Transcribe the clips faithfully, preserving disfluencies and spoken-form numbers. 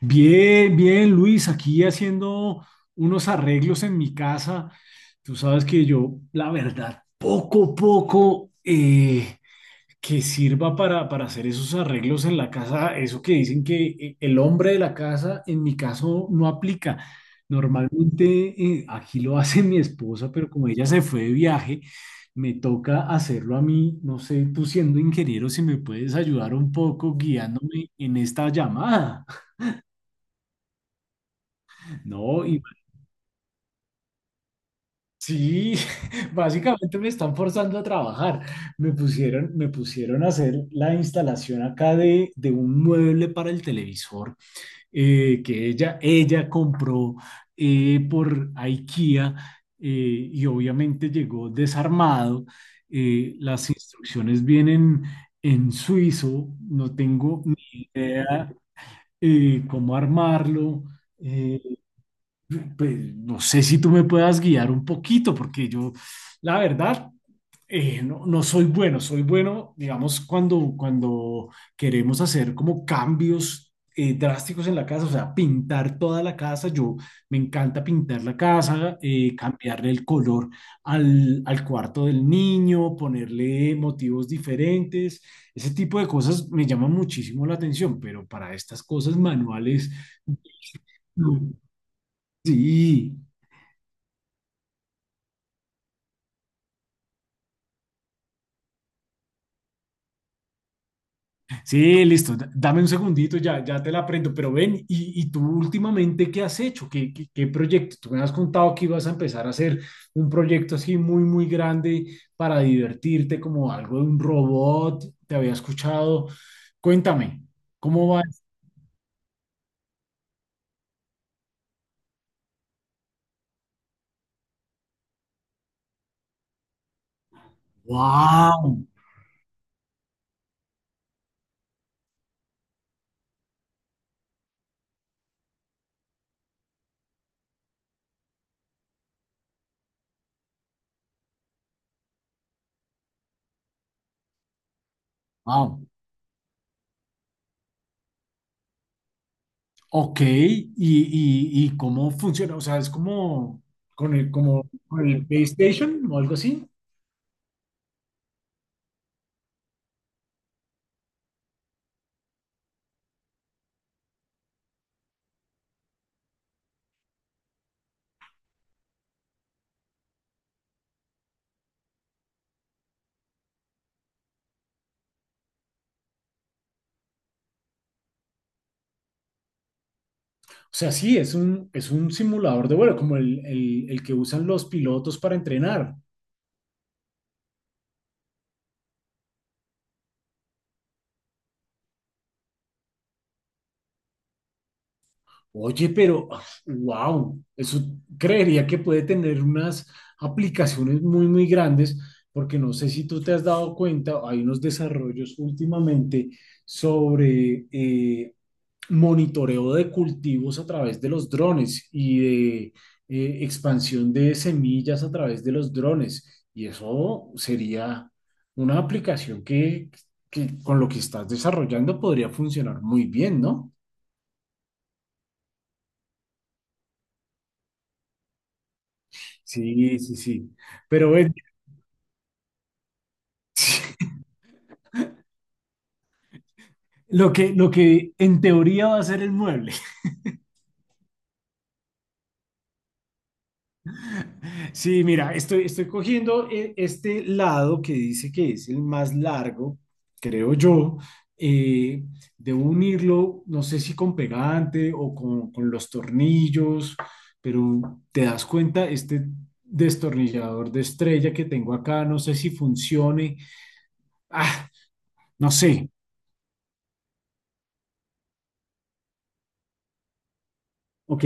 Bien, bien, Luis, aquí haciendo unos arreglos en mi casa. Tú sabes que yo, la verdad, poco, poco eh, que sirva para, para hacer esos arreglos en la casa, eso que dicen que eh, el hombre de la casa, en mi caso, no aplica. Normalmente eh, aquí lo hace mi esposa, pero como ella se fue de viaje, me toca hacerlo a mí. No sé, tú siendo ingeniero, si me puedes ayudar un poco guiándome en esta llamada. No, y sí, básicamente me están forzando a trabajar. Me pusieron, me pusieron a hacer la instalación acá de, de un mueble para el televisor eh, que ella, ella compró eh, por IKEA eh, y obviamente llegó desarmado. Eh, las instrucciones vienen en suizo, no tengo ni idea eh, cómo armarlo. Eh, pues, no sé si tú me puedas guiar un poquito, porque yo, la verdad, eh, no, no soy bueno, soy bueno, digamos, cuando, cuando queremos hacer como cambios eh, drásticos en la casa, o sea, pintar toda la casa, yo me encanta pintar la casa, eh, cambiarle el color al, al cuarto del niño, ponerle motivos diferentes, ese tipo de cosas me llaman muchísimo la atención, pero para estas cosas manuales, no. Sí. Sí, listo. D- Dame un segundito, ya, ya te la aprendo. Pero ven, ¿y, y tú últimamente qué has hecho? ¿Qué, qué, qué proyecto? Tú me has contado que ibas a empezar a hacer un proyecto así muy, muy grande para divertirte, como algo de un robot. Te había escuchado. Cuéntame, ¿cómo va? Wow, wow. Ok, ¿y, y, y cómo funciona? O sea, es como con el, como con el PlayStation o algo así. O sea, sí, es un, es un simulador de vuelo, como el, el- el que usan los pilotos para entrenar. Oye, pero, wow, eso creería que puede tener unas aplicaciones muy, muy grandes, porque no sé si tú te has dado cuenta, hay unos desarrollos últimamente sobre eh, monitoreo de cultivos a través de los drones y de eh, expansión de semillas a través de los drones. Y eso sería una aplicación que, que con lo que estás desarrollando podría funcionar muy bien, ¿no? Sí, sí, sí. Pero ven, lo que, lo que en teoría va a ser el mueble. Sí, mira, estoy, estoy cogiendo eh, este lado que dice que es el más largo, creo yo. eh, debo unirlo, no sé si con pegante o con, con los tornillos, pero te das cuenta, este destornillador de estrella que tengo acá, no sé si funcione. Ah, no sé. Ok.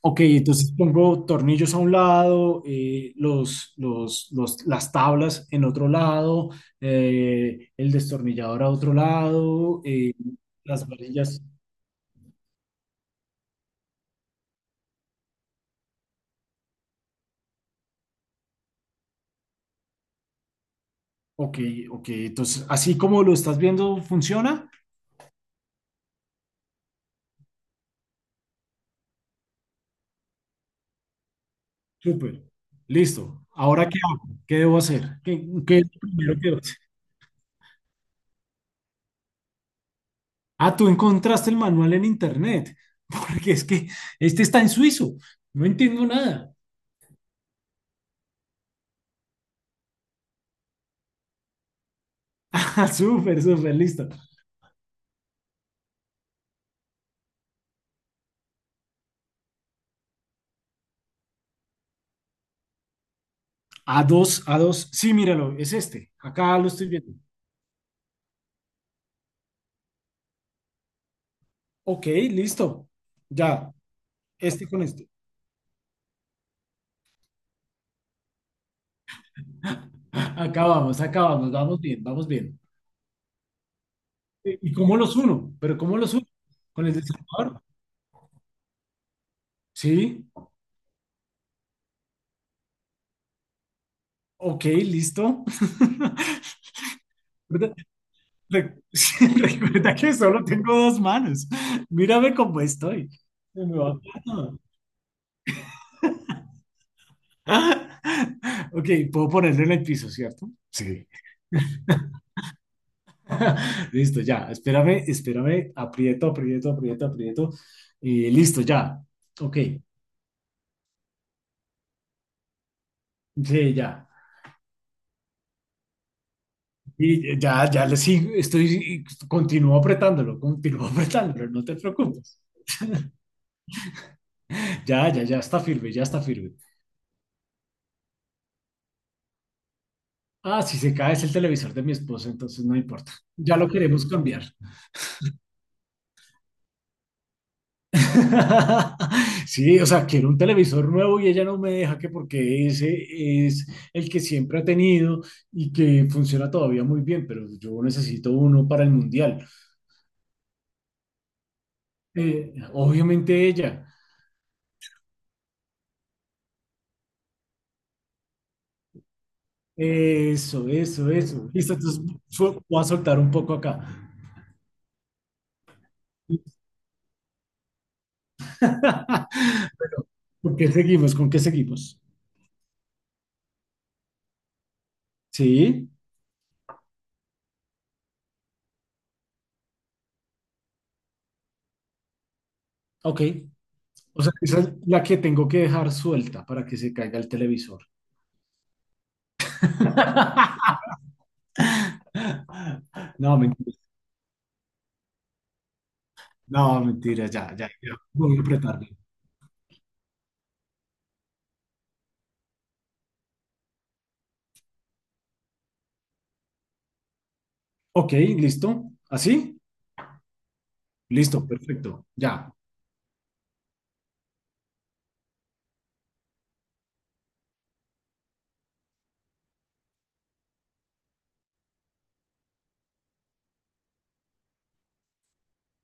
Ok, entonces pongo tornillos a un lado, eh, los, los, los- las tablas en otro lado, eh, el destornillador a otro lado, eh, las varillas. Ok, ok, entonces así como lo estás viendo, ¿funciona? Súper, listo. ¿Ahora qué hago? ¿Qué debo hacer? ¿Qué, qué es lo primero que debo hacer? Ah, tú encontraste el manual en internet, porque es que este está en suizo, no entiendo nada. Ah, súper, súper, listo. A dos, a dos. Sí, míralo, es este. Acá lo estoy viendo. Ok, listo. Ya, este con este. Acá vamos, acá vamos, vamos bien, vamos bien. ¿Y cómo los uno? ¿Pero cómo los uno? ¿Con el desarmador? Sí, ok, listo. Recuerda re- sí, recuerda que solo tengo dos manos. Mírame cómo estoy. Se me va todo. Ok, puedo ponerlo en el piso, ¿cierto? Sí. Listo, ya. Espérame, espérame. Aprieto, aprieto, aprieto, aprieto. Y listo, ya. Ok. Sí, ya. Y ya, ya le sigo. Estoy, continúo apretándolo, continúo apretándolo. No te preocupes. Ya, ya, ya está firme, ya está firme. Ah, si se cae es el televisor de mi esposo, entonces no importa. Ya lo queremos cambiar. Sí, o sea, quiero un televisor nuevo y ella no me deja, que porque ese es el que siempre ha tenido y que funciona todavía muy bien, pero yo necesito uno para el mundial. Eh, obviamente ella. Eso, eso, eso. Listo, entonces su- voy a soltar un poco acá. Pero, ¿con qué seguimos? ¿Con qué seguimos? Sí, ok. O sea, esa es la que tengo que dejar suelta para que se caiga el televisor. No, mentira. No, mentira, ya, ya, ya. Voy a apretarle. Ok, listo. ¿Así? Listo, perfecto. Ya,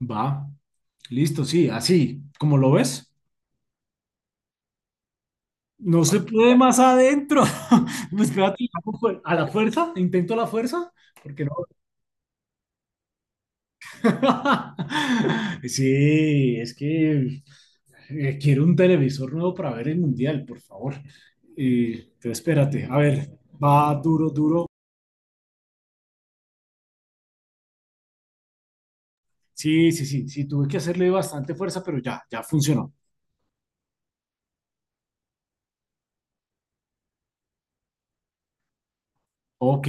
va. Listo, sí, así. ¿Cómo lo ves? No se puede más adentro. Pues espérate, ¿cómo fue? ¿A la fuerza? ¿Intento a la fuerza? ¿Por qué no? Sí, es que eh, quiero un televisor nuevo para ver el mundial, por favor. Y, pero espérate, a ver, va duro, duro. Sí, sí, sí, sí, tuve que hacerle bastante fuerza, pero ya, ya funcionó. Ok,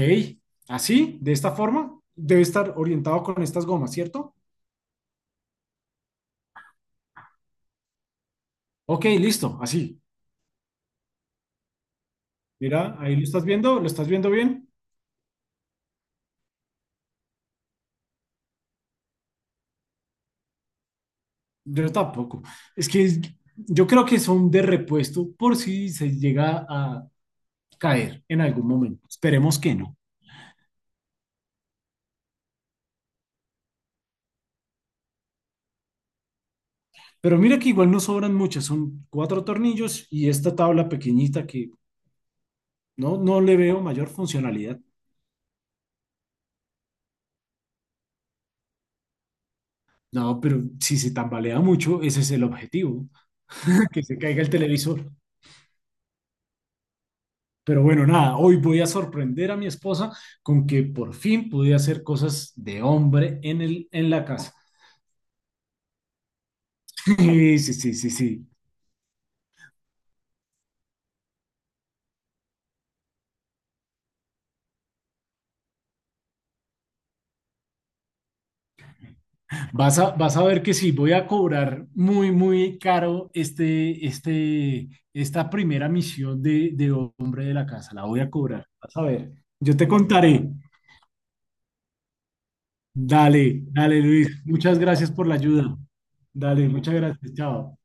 así, de esta forma, debe estar orientado con estas gomas, ¿cierto? Ok, listo, así. Mira, ahí lo estás viendo, ¿lo estás viendo bien? Yo tampoco. Es que es- yo creo que son de repuesto por si se llega a caer en algún momento. Esperemos que no. Pero mira que igual no sobran muchas, son cuatro tornillos y esta tabla pequeñita que no, no le veo mayor funcionalidad. No, pero si se tambalea mucho, ese es el objetivo, que se caiga el televisor. Pero bueno, nada, hoy voy a sorprender a mi esposa con que por fin pude hacer cosas de hombre en el, en la casa. Sí, sí, sí, sí, sí. Vas a, vas a ver que sí, voy a cobrar muy, muy caro este, este, esta primera misión de, de hombre de la casa. La voy a cobrar. Vas a ver. Yo te contaré. Dale, dale, Luis. Muchas gracias por la ayuda. Dale, muchas gracias. Chao.